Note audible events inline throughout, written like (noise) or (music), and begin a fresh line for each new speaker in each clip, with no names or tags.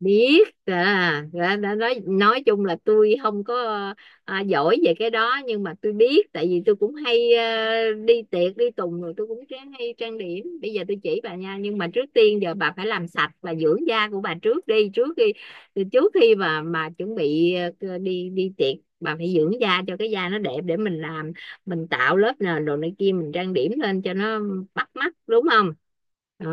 Biết à? Đã nói chung là tôi không có giỏi về cái đó, nhưng mà tôi biết. Tại vì tôi cũng hay đi tiệc đi tùng rồi tôi cũng ráng hay trang điểm. Bây giờ tôi chỉ bà nha, nhưng mà trước tiên giờ bà phải làm sạch và dưỡng da của bà trước đi, trước khi mà chuẩn bị đi đi tiệc bà phải dưỡng da cho cái da nó đẹp, để mình làm mình tạo lớp nền đồ này kia, mình trang điểm lên cho nó bắt mắt, đúng không? Ờ.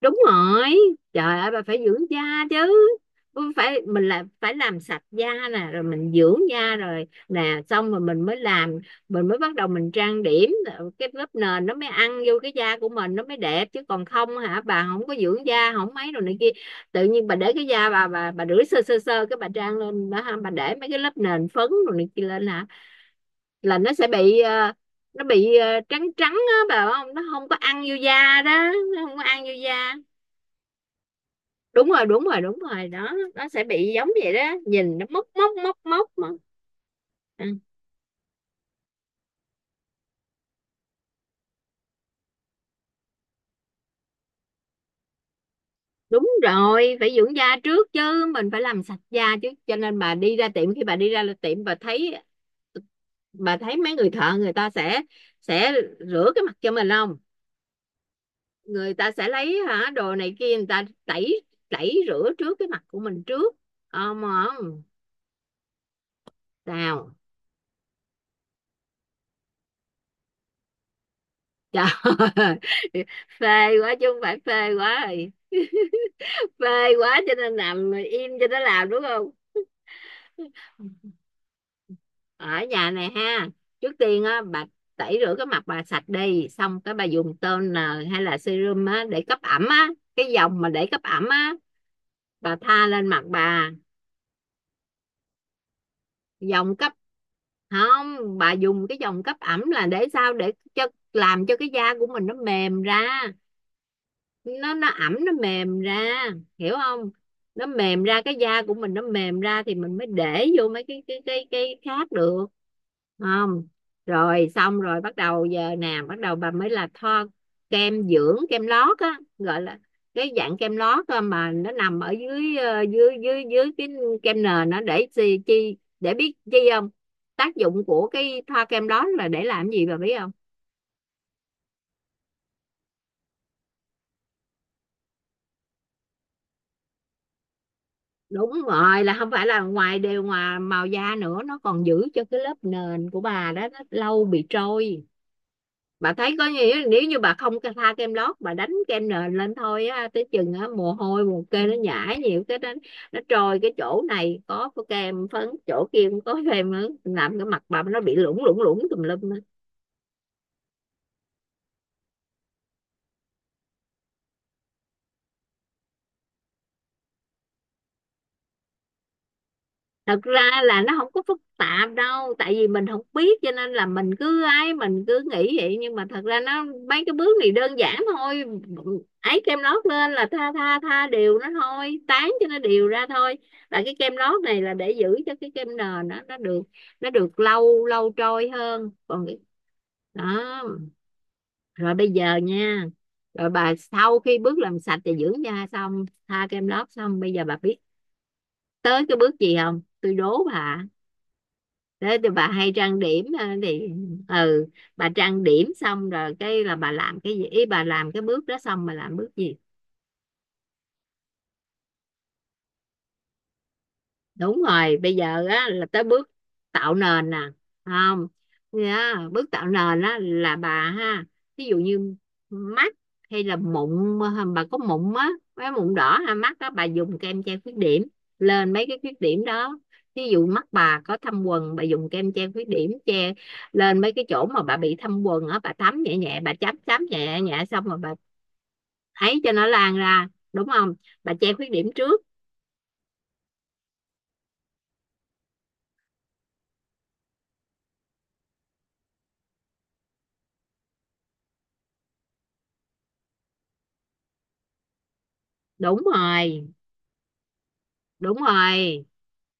Đúng rồi, trời ơi bà phải dưỡng da chứ. Cũng phải, mình là phải làm sạch da nè, rồi mình dưỡng da rồi nè, xong rồi mình mới làm, mình mới bắt đầu mình trang điểm, cái lớp nền nó mới ăn vô cái da của mình, nó mới đẹp. Chứ còn không hả, bà không có dưỡng da không mấy rồi này kia, tự nhiên bà để cái da bà, bà rửa sơ sơ sơ cái bà trang lên đó ha, bà để mấy cái lớp nền phấn rồi này kia lên hả, là nó sẽ bị nó bị trắng trắng á bà, không nó không có ăn vô da đó, nó không có ăn vô da. Đúng rồi, đúng rồi, đúng rồi đó, nó sẽ bị giống vậy đó, nhìn nó mốc mốc mốc mốc mà. à, Đúng rồi, phải dưỡng da trước chứ, mình phải làm sạch da chứ. Cho nên bà đi ra tiệm, khi bà đi ra tiệm bà thấy mấy người thợ, người ta sẽ rửa cái mặt cho mình không? Người ta sẽ lấy hả đồ này kia, người ta tẩy, tẩy rửa trước cái mặt của mình trước. Không, không sao. Trời ơi, (laughs) phê quá chứ không phải phê quá rồi. Phê quá, cho nên nằm im cho nó làm đúng không? Ở nhà này ha. Trước tiên á bà, tẩy rửa cái mặt bà sạch đi, xong cái bà dùng toner hay là serum á để cấp ẩm á, cái dòng mà để cấp ẩm á, bà tha lên mặt bà. Dòng cấp không, bà dùng cái dòng cấp ẩm là để sao, để cho làm cho cái da của mình nó mềm ra, nó ẩm nó mềm ra, hiểu không? Nó mềm ra, cái da của mình nó mềm ra thì mình mới để vô mấy cái khác được. Không. Rồi xong rồi bắt đầu giờ nè, bắt đầu bà mới là thoa kem dưỡng, kem lót á gọi là, cái dạng kem lót á mà nó nằm ở dưới dưới cái kem nền, nó để chi, chi để biết chi không, tác dụng của cái thoa kem đó là để làm gì bà biết không? Đúng rồi, là không phải là ngoài đều, ngoài màu da nữa, nó còn giữ cho cái lớp nền của bà đó nó lâu bị trôi. Bà thấy, có nghĩa là nếu như bà không tha kem lót, bà đánh kem nền lên thôi á, tới chừng á mồ hôi mồ kê nó nhảy nhiều cái đó nó trôi, cái chỗ này có kem phấn, chỗ kia cũng có kem nữa, làm cái mặt bà nó bị lủng lủng lủng tùm lum á. Thật ra là nó không có phức tạp đâu, tại vì mình không biết cho nên là mình cứ ấy, mình cứ nghĩ vậy, nhưng mà thật ra nó, mấy cái bước này đơn giản thôi, ấy kem lót lên là tha tha tha đều nó thôi, tán cho nó đều ra thôi. Là cái kem lót này là để giữ cho cái kem nền nó được, nó được lâu, lâu trôi hơn. Còn cái đó. Rồi bây giờ nha, rồi bà sau khi bước làm sạch và dưỡng da xong, tha kem lót xong, bây giờ bà biết tới cái bước gì không, tôi đố bà. Thế thì bà hay trang điểm thì, ừ, bà trang điểm xong rồi cái là bà làm cái gì ý, bà làm cái bước đó xong bà làm bước gì? Đúng rồi, bây giờ á là tới bước tạo nền nè. Không. Nha, bước tạo nền á là bà ha, ví dụ như mắt hay là mụn, bà có mụn á, cái mụn đỏ ha, mắt á, bà dùng kem che khuyết điểm lên mấy cái khuyết điểm đó. Ví dụ mắt bà có thâm quầng, bà dùng kem che khuyết điểm che lên mấy cái chỗ mà bà bị thâm quầng á, bà thấm nhẹ nhẹ, bà chấm chấm nhẹ nhẹ, xong rồi bà ấy cho nó lan ra, đúng không? Bà che khuyết điểm trước. Đúng rồi, đúng rồi,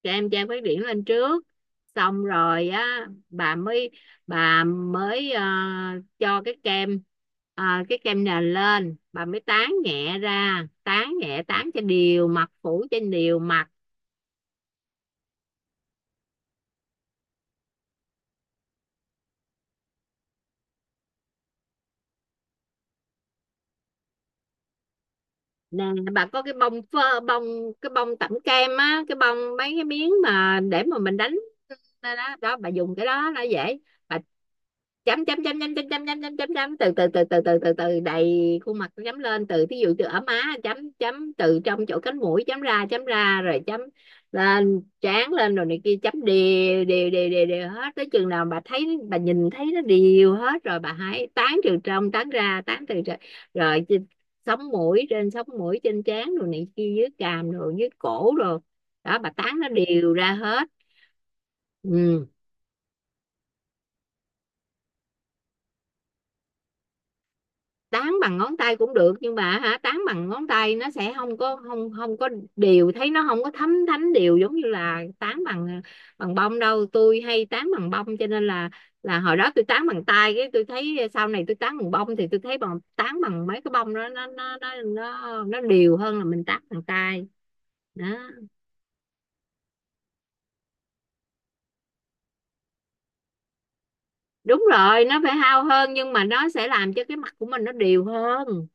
cho em trang phát triển lên trước. Xong rồi á bà mới, bà mới cho cái kem cái kem nền lên, bà mới tán nhẹ ra, tán nhẹ tán cho đều mặt, phủ trên đều mặt. Nè, bà có cái bông phơ bông, cái bông tẩm kem á, cái bông mấy cái miếng mà để mà mình đánh đó đó, đó bà dùng cái đó nó dễ. Bà chấm chấm chấm chấm chấm chấm chấm chấm chấm chấm, từ từ từ từ từ từ từ đầy khuôn mặt, chấm lên từ thí dụ từ ở má, chấm chấm từ trong chỗ cánh mũi chấm ra, chấm ra rồi chấm lên trán lên rồi này kia, chấm đều đều đều đều đều hết, tới chừng nào bà thấy bà nhìn thấy nó đều hết rồi bà hãy tán, từ trong tán ra, tán từ ra rồi sống mũi, trên sống mũi, trên trán rồi này kia, dưới cằm rồi dưới cổ rồi đó, bà tán nó đều ra hết. Ừ. Tán bằng ngón tay cũng được, nhưng mà hả, tán bằng ngón tay nó sẽ không có, không không có đều, thấy nó không có thấm thánh đều giống như là tán bằng bằng bông đâu. Tôi hay tán bằng bông cho nên là hồi đó tôi tán bằng tay, cái tôi thấy sau này tôi tán bằng bông thì tôi thấy bằng, tán bằng mấy cái bông đó nó đều hơn là mình tán bằng tay đó. Đúng rồi, nó phải hao hơn nhưng mà nó sẽ làm cho cái mặt của mình nó đều hơn,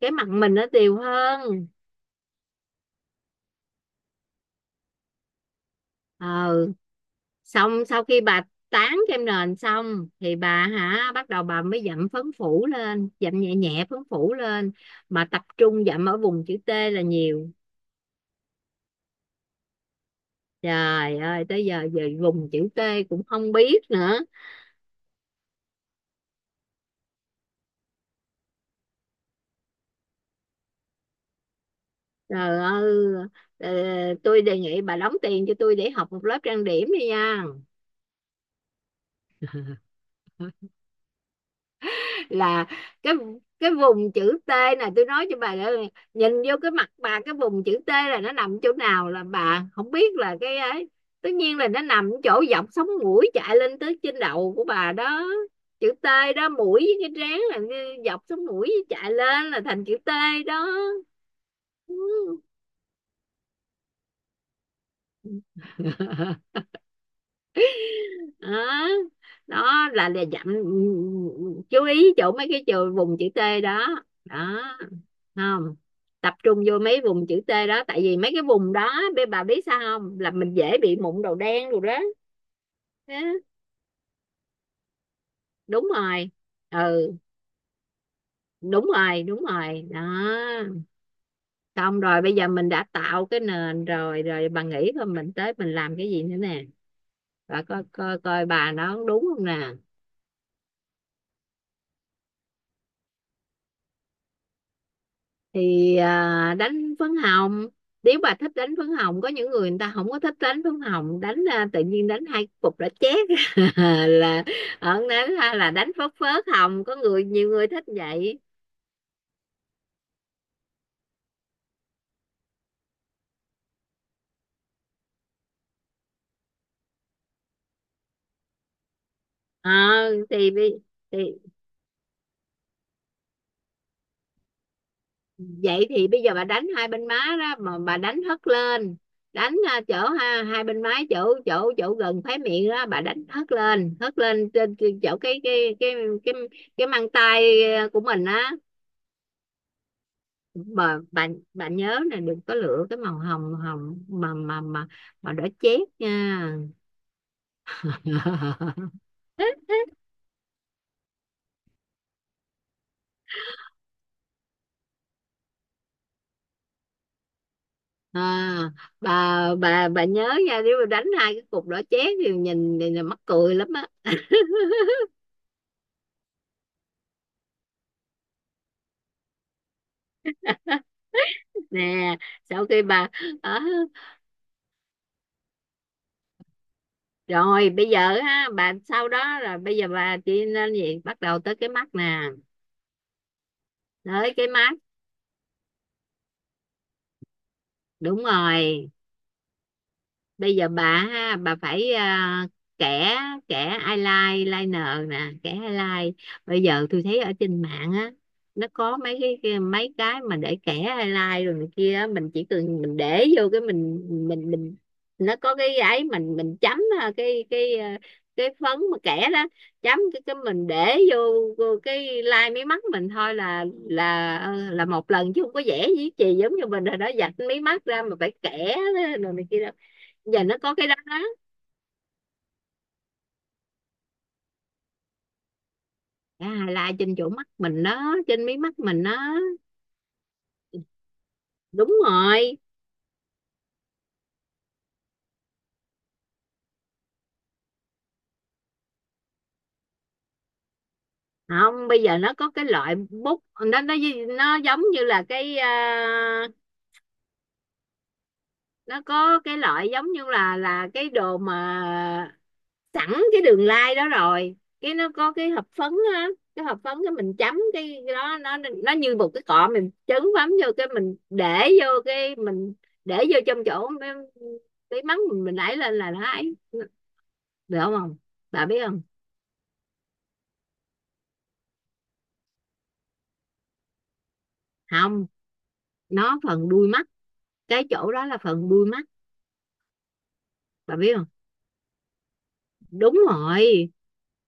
cái mặt mình nó đều hơn. Ờ, xong sau khi bà tán kem nền xong thì bà hả, bắt đầu bà mới dặm phấn phủ lên, dặm nhẹ nhẹ phấn phủ lên, mà tập trung dặm ở vùng chữ T là nhiều. Trời ơi, tới giờ giờ vùng chữ T cũng không biết nữa. Trời ơi, ờ, tôi đề nghị bà đóng tiền cho tôi để học một lớp trang điểm đi nha. Là cái cái vùng chữ T này, tôi nói cho bà là, nhìn vô cái mặt bà cái vùng chữ T là nó nằm chỗ nào là bà không biết, là cái ấy, tất nhiên là nó nằm chỗ dọc sống mũi chạy lên tới trên đầu của bà đó, chữ T đó, mũi với cái trán là dọc sống mũi chạy lên là thành chữ T đó. (laughs) Đó đó, là dặm, chú ý chỗ mấy cái chữ vùng chữ T đó đó. Không, tập trung vô mấy vùng chữ T đó, tại vì mấy cái vùng đó bé, bà biết sao không, là mình dễ bị mụn đầu đen rồi đó. Thế, đúng rồi, ừ, đúng rồi, đúng rồi đó. Xong rồi bây giờ mình đã tạo cái nền rồi, rồi bà nghĩ coi mình tới mình làm cái gì nữa nè, bà coi coi coi bà nó đúng không nè. Thì đánh phấn hồng, nếu bà thích đánh phấn hồng, có những người người ta không có thích đánh phấn hồng, đánh tự nhiên đánh hai cục đã chét, (laughs) là ở đó, là đánh phớt phớt hồng, có người nhiều người thích vậy. Ờ. thì, bi- thì vậy thì bây giờ bà đánh hai bên má đó, mà bà đánh hất lên, đánh chỗ ha, hai bên má chỗ chỗ chỗ gần khóe miệng đó, bà đánh hất lên, hất lên trên, trên chỗ cái cái cái mang tay của mình á. Mà bạn bạn nhớ là đừng có lựa cái màu hồng hồng mà mà đỏ chét nha. (laughs) à, bà bà nhớ nha, nếu mà đánh hai cái cục đỏ chét thì nhìn thì là mắc cười lắm á. (laughs) Nè, sau khi bà ờ, rồi bây giờ ha bà, sau đó là bây giờ bà đi lên gì, bắt đầu tới cái mắt nè, tới cái mắt. Đúng rồi, bây giờ bà ha, bà phải kẻ, kẻ eyeliner nè, kẻ eyeliner. Bây giờ tôi thấy ở trên mạng á, nó có mấy cái mấy cái mà để kẻ eyeliner rồi này kia á, mình chỉ cần mình để vô cái mình mình, nó có cái ấy mình chấm cái cái phấn mà kẻ đó, chấm cái mình để vô, vô cái line mí mắt mình thôi là, là một lần chứ không có vẽ gì chì giống như mình rồi đó, vạch mí mắt ra mà phải kẻ rồi này kia đó, giờ nó có cái đó đó. Là trên chỗ mắt mình đó, trên mí mắt mình đó. Đúng rồi. Không, bây giờ nó có cái loại bút nó nó giống như là cái nó có cái loại giống như là cái đồ mà sẵn cái đường lai đó rồi, cái nó có cái hộp phấn á, cái hộp phấn, cái mình chấm cái đó, nó như một cái cọ, mình trấn bấm vô cái mình để vô cái mình để vô trong chỗ cái mắng mình đẩy lên là nó ấy, được không, bà biết không? Không, nó phần đuôi mắt, cái chỗ đó là phần đuôi mắt, bà biết không? Đúng rồi,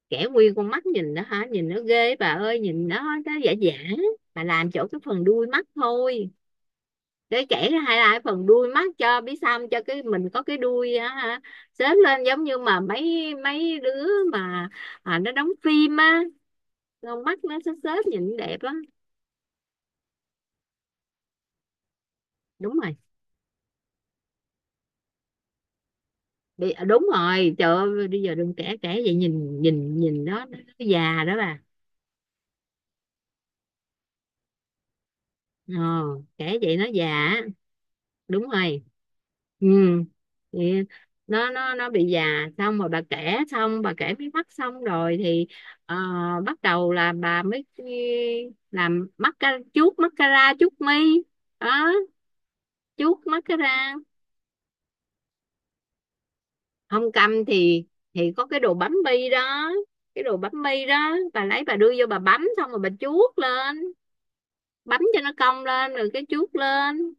kẻ nguyên con mắt nhìn đó hả, nhìn nó ghê bà ơi, nhìn nó giả giả, bà làm chỗ cái phần đuôi mắt thôi, để kẻ hay là phần đuôi mắt cho biết sao, cho cái mình có cái đuôi á hả, xếp lên giống như mà mấy mấy đứa mà nó đóng phim á, con mắt nó xếp xếp nhìn đẹp á. Đúng rồi, đi đúng rồi, trời ơi bây giờ đừng kể, kể vậy nhìn nhìn nhìn nó già đó bà. Ờ, trẻ vậy nó già á. Đúng rồi, ừ, thì nó nó bị già. Xong rồi bà kể xong, bà kể mí mắt xong rồi thì ờ, bắt đầu là bà mới làm mascara, chuốt mascara, chuốt mi đó, chuốt mascara. Không cầm thì có cái đồ bấm bi đó, cái đồ bấm bi đó bà lấy bà đưa vô bà bấm, xong rồi bà chuốt lên, bấm cho nó cong lên rồi cái chuốt lên.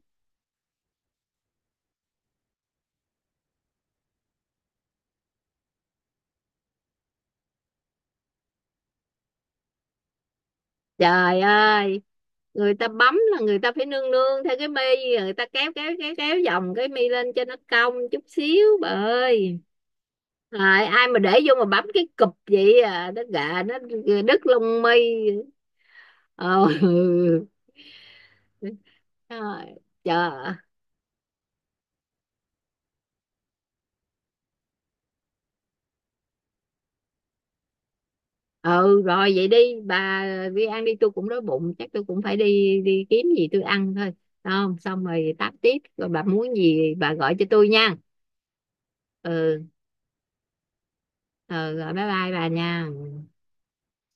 Trời ơi, người ta bấm là người ta phải nương nương theo cái mi, người ta kéo kéo kéo kéo vòng cái mi lên cho nó cong chút xíu bà ơi. Rồi, ai mà để vô mà bấm cái cụp vậy à, nó gà nó đứt lông mi. Ờ, (laughs) ừ. Trời, ừ rồi vậy đi bà, đi ăn đi, tôi cũng đói bụng, chắc tôi cũng phải đi, đi kiếm gì tôi ăn thôi. Đúng không, xong rồi táp tiếp, rồi bà muốn gì bà gọi cho tôi nha. Ừ, ừ rồi bye bye bà nha.